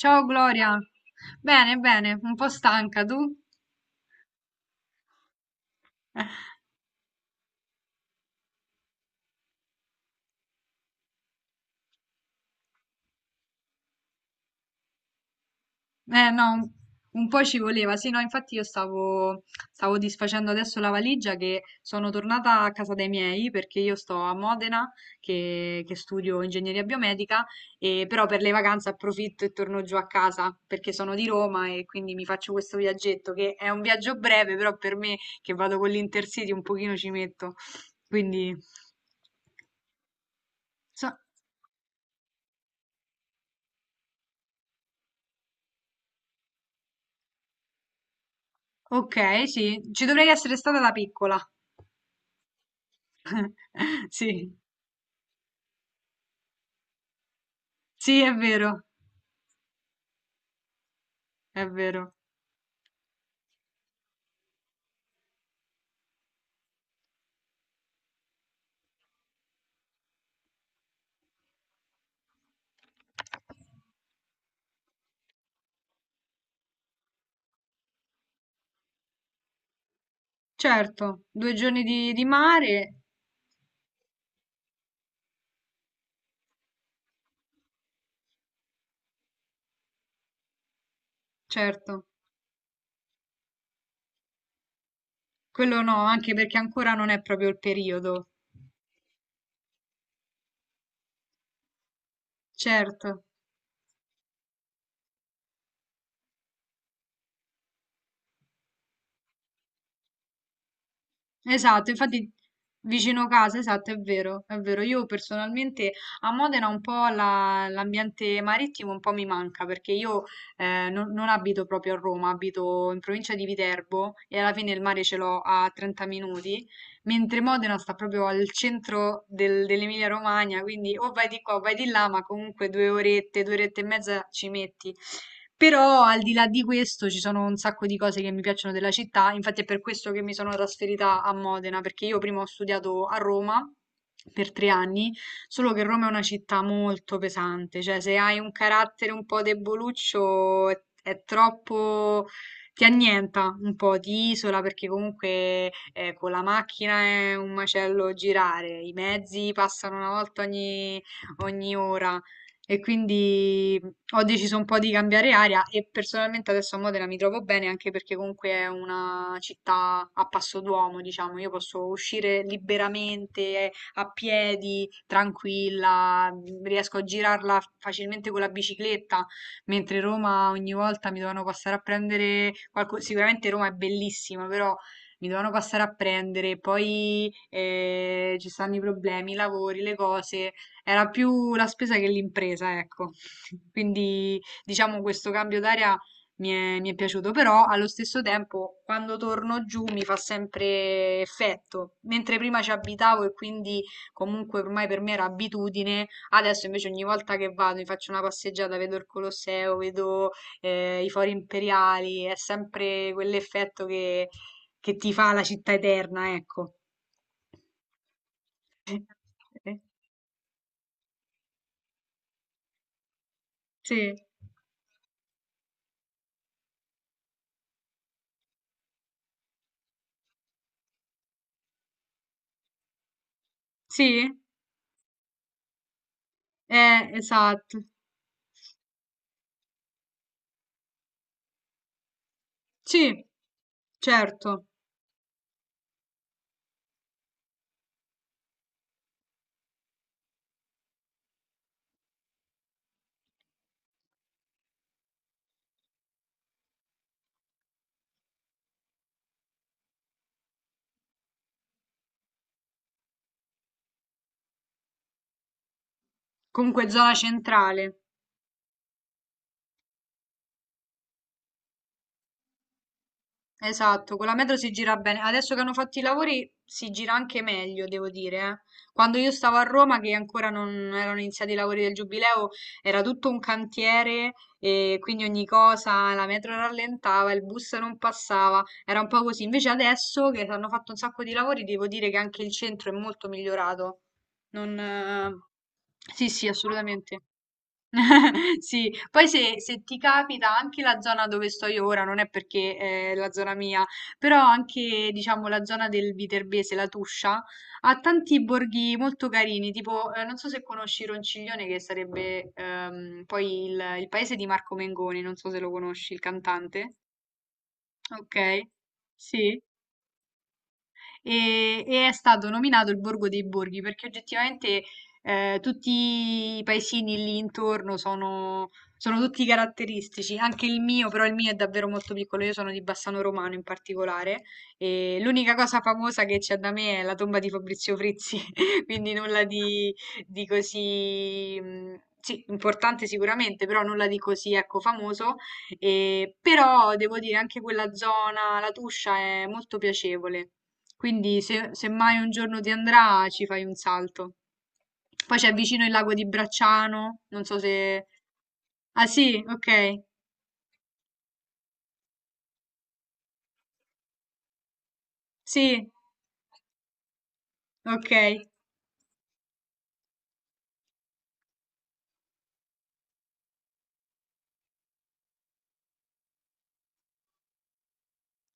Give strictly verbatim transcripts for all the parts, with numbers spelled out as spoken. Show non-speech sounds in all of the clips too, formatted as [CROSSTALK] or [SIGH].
Ciao Gloria, bene, bene, un po' stanca tu? Eh no, un, un po' ci voleva, sì, no, infatti io stavo, stavo disfacendo adesso la valigia che sono tornata a casa dei miei perché io sto a Modena che, che studio ingegneria biomedica e però per le vacanze approfitto e torno giù a casa perché sono di Roma e quindi mi faccio questo viaggetto che è un viaggio breve, però per me che vado con l'Intercity un pochino ci metto, quindi. so- Ok, sì, ci dovrei essere stata da piccola. [LAUGHS] Sì, sì, è vero, è vero. Certo, due giorni di, di mare, certo. Quello no, anche perché ancora non è proprio il periodo. Certo, esatto, infatti vicino casa, esatto, è vero, è vero. Io personalmente a Modena un po' la- l'ambiente marittimo un po' mi manca perché io eh, non, non abito proprio a Roma, abito in provincia di Viterbo e alla fine il mare ce l'ho a trenta minuti mentre Modena sta proprio al centro del- dell'Emilia-Romagna, quindi o vai di qua o vai di là, ma comunque due orette, due orette e mezza ci metti. Però al di là di questo ci sono un sacco di cose che mi piacciono della città, infatti è per questo che mi sono trasferita a Modena, perché io prima ho studiato a Roma per tre anni, solo che Roma è una città molto pesante, cioè se hai un carattere un po' deboluccio è, è troppo ti annienta un po', ti isola perché comunque eh, con la macchina è un macello girare, i mezzi passano una volta ogni, ogni ora e quindi ho deciso un po' di cambiare aria e personalmente adesso a Modena mi trovo bene anche perché comunque è una città a passo d'uomo, diciamo, io posso uscire liberamente a piedi, tranquilla, riesco a girarla facilmente con la bicicletta mentre Roma ogni volta mi dovevano passare a prendere qualco- sicuramente Roma è bellissima, però mi dovevano passare a prendere, poi eh, ci stanno i problemi, i lavori, le cose, era più la spesa che l'impresa, ecco. [LAUGHS] Quindi diciamo questo cambio d'aria mi è, mi è piaciuto, però allo stesso tempo quando torno giù mi fa sempre effetto, mentre prima ci abitavo e quindi comunque ormai per me era abitudine. Adesso invece ogni volta che vado mi faccio una passeggiata, vedo il Colosseo, vedo eh, i fori imperiali, è sempre quell'effetto che, che ti fa la città eterna, ecco. [LAUGHS] Sì, sì, eh, esatto. Sì, certo. Comunque zona centrale. Esatto, con la metro si gira bene. Adesso che hanno fatto i lavori si gira anche meglio, devo dire. Eh. Quando io stavo a Roma, che ancora non erano iniziati i lavori del Giubileo, era tutto un cantiere e quindi ogni cosa, la metro rallentava, il bus non passava, era un po' così. Invece adesso che hanno fatto un sacco di lavori, devo dire che anche il centro è molto migliorato. Non, eh. Sì, sì, assolutamente. [LAUGHS] Sì, poi se, se ti capita anche la zona dove sto io ora, non è perché eh, è la zona mia, però anche diciamo la zona del Viterbese, la Tuscia, ha tanti borghi molto carini, tipo eh, non so se conosci Ronciglione che sarebbe ehm, poi il, il paese di Marco Mengoni, non so se lo conosci, il cantante. Ok, sì e, e è stato nominato il Borgo dei Borghi perché oggettivamente eh, tutti i paesini lì intorno sono, sono tutti caratteristici, anche il mio, però il mio è davvero molto piccolo, io sono di Bassano Romano in particolare e l'unica cosa famosa che c'è da me è la tomba di Fabrizio Frizzi, [LAUGHS] quindi nulla di, di così. Mm, sì, importante sicuramente, però nulla di così, ecco, famoso. E, però devo dire anche quella zona, la Tuscia, è molto piacevole. Quindi se, se mai un giorno ti andrà ci fai un salto. Poi c'è vicino il lago di Bracciano, non so se. Ah sì, ok, sì, ok.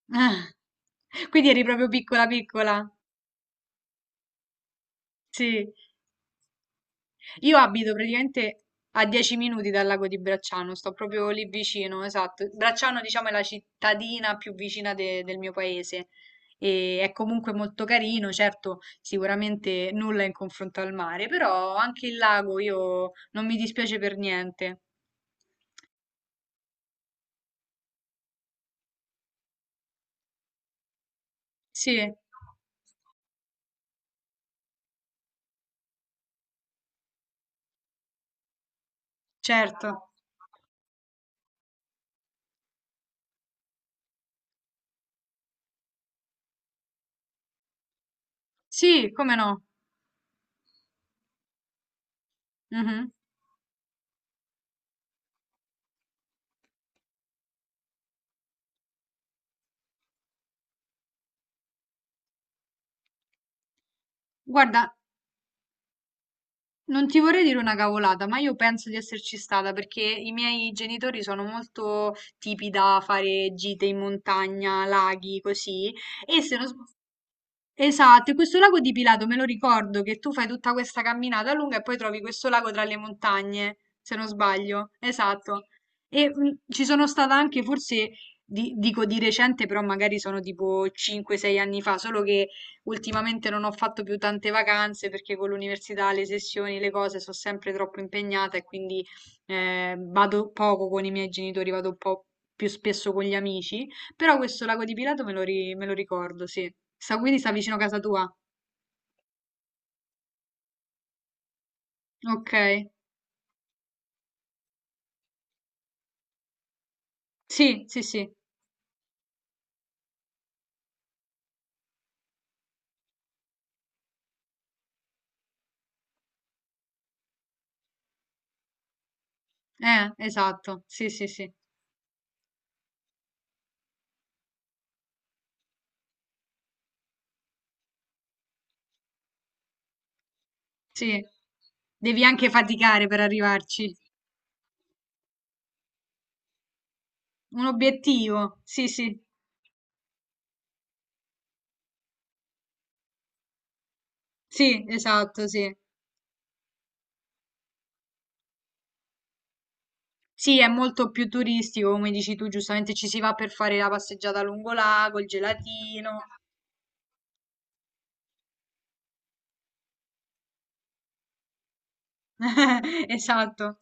[LAUGHS] Quindi eri proprio piccola piccola, sì. Io abito praticamente a dieci minuti dal lago di Bracciano, sto proprio lì vicino, esatto. Bracciano, diciamo, è la cittadina più vicina de- del mio paese e è comunque molto carino, certo, sicuramente nulla in confronto al mare, però anche il lago io non mi dispiace per niente. Sì, certo. Sì, come no. Mhm. Guarda, non ti vorrei dire una cavolata, ma io penso di esserci stata perché i miei genitori sono molto tipi da fare gite in montagna, laghi, così. E se non sbaglio, esatto, e questo lago di Pilato me lo ricordo che tu fai tutta questa camminata lunga e poi trovi questo lago tra le montagne, se non sbaglio. Esatto. E mm, ci sono stata anche, forse, di- dico di recente, però magari sono tipo cinque sei anni fa, solo che ultimamente non ho fatto più tante vacanze perché con l'università, le sessioni, le cose sono sempre troppo impegnata e quindi eh, vado poco con i miei genitori, vado un po' più spesso con gli amici. Però questo lago di Pilato me lo, ri- me lo ricordo, sì. Sta, quindi sta vicino a casa tua. Ok. Sì, sì, sì. Eh, esatto. Sì, sì, sì. Sì. Devi anche faticare per arrivarci. Un obiettivo. Sì, sì. Sì, esatto, sì. Sì, è molto più turistico, come dici tu, giustamente ci si va per fare la passeggiata lungo lago, il gelatino. [LAUGHS] Esatto.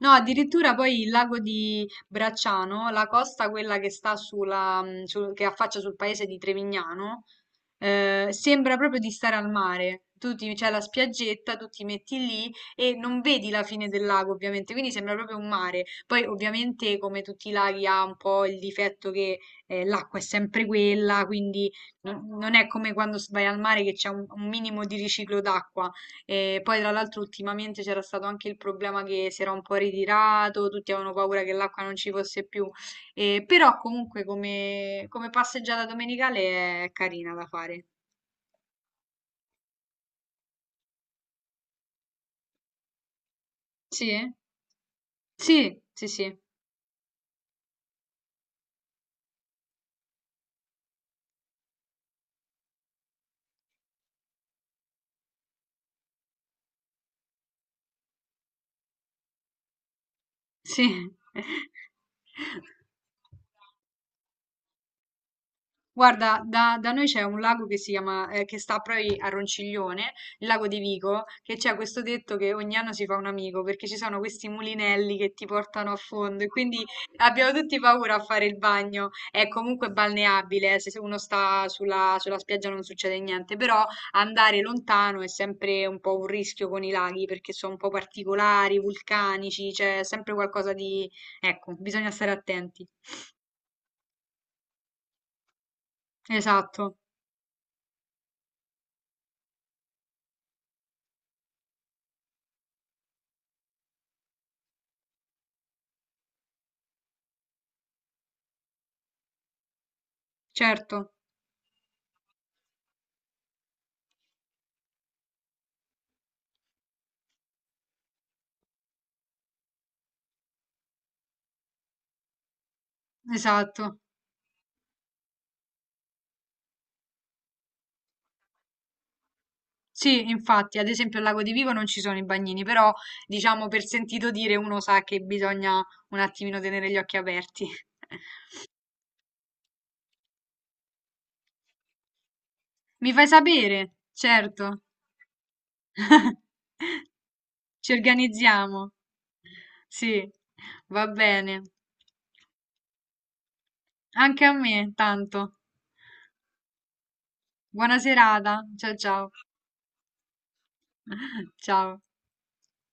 No, addirittura poi il lago di Bracciano, la costa quella che sta sulla, mm, sul- che affaccia sul paese di Trevignano, eh, sembra proprio di stare al mare. Tu ti- c'è la spiaggetta, tu ti metti lì e non vedi la fine del lago, ovviamente, quindi sembra proprio un mare. Poi, ovviamente, come tutti i laghi, ha un po' il difetto che eh, l'acqua è sempre quella, quindi non non è come quando s- vai al mare che c'è un un minimo di riciclo d'acqua. E poi tra l'altro ultimamente c'era stato anche il problema che si era un po' ritirato, tutti avevano paura che l'acqua non ci fosse più. Eh, però comunque come, come passeggiata domenicale è carina da fare. Sì? Sì, sì, sì, sì. [LAUGHS] Guarda, da, da noi c'è un lago che si chiama, eh, che sta proprio a Ronciglione, il lago di Vico, che c'è questo detto che ogni anno si fa un amico, perché ci sono questi mulinelli che ti portano a fondo e quindi abbiamo tutti paura a fare il bagno. È comunque balneabile, eh, se se uno sta sulla, sulla spiaggia non succede niente, però andare lontano è sempre un po' un rischio con i laghi, perché sono un po' particolari, vulcanici, c'è sempre qualcosa di. Ecco, bisogna stare attenti. Esatto, certo, esatto. Sì, infatti, ad esempio al Lago di Vivo non ci sono i bagnini, però diciamo per sentito dire uno sa che bisogna un attimino tenere gli occhi aperti. [LAUGHS] Mi fai sapere? Certo, ci organizziamo. Sì, va bene. Anche a me, tanto. Buona serata. Ciao ciao. [LAUGHS] Ciao.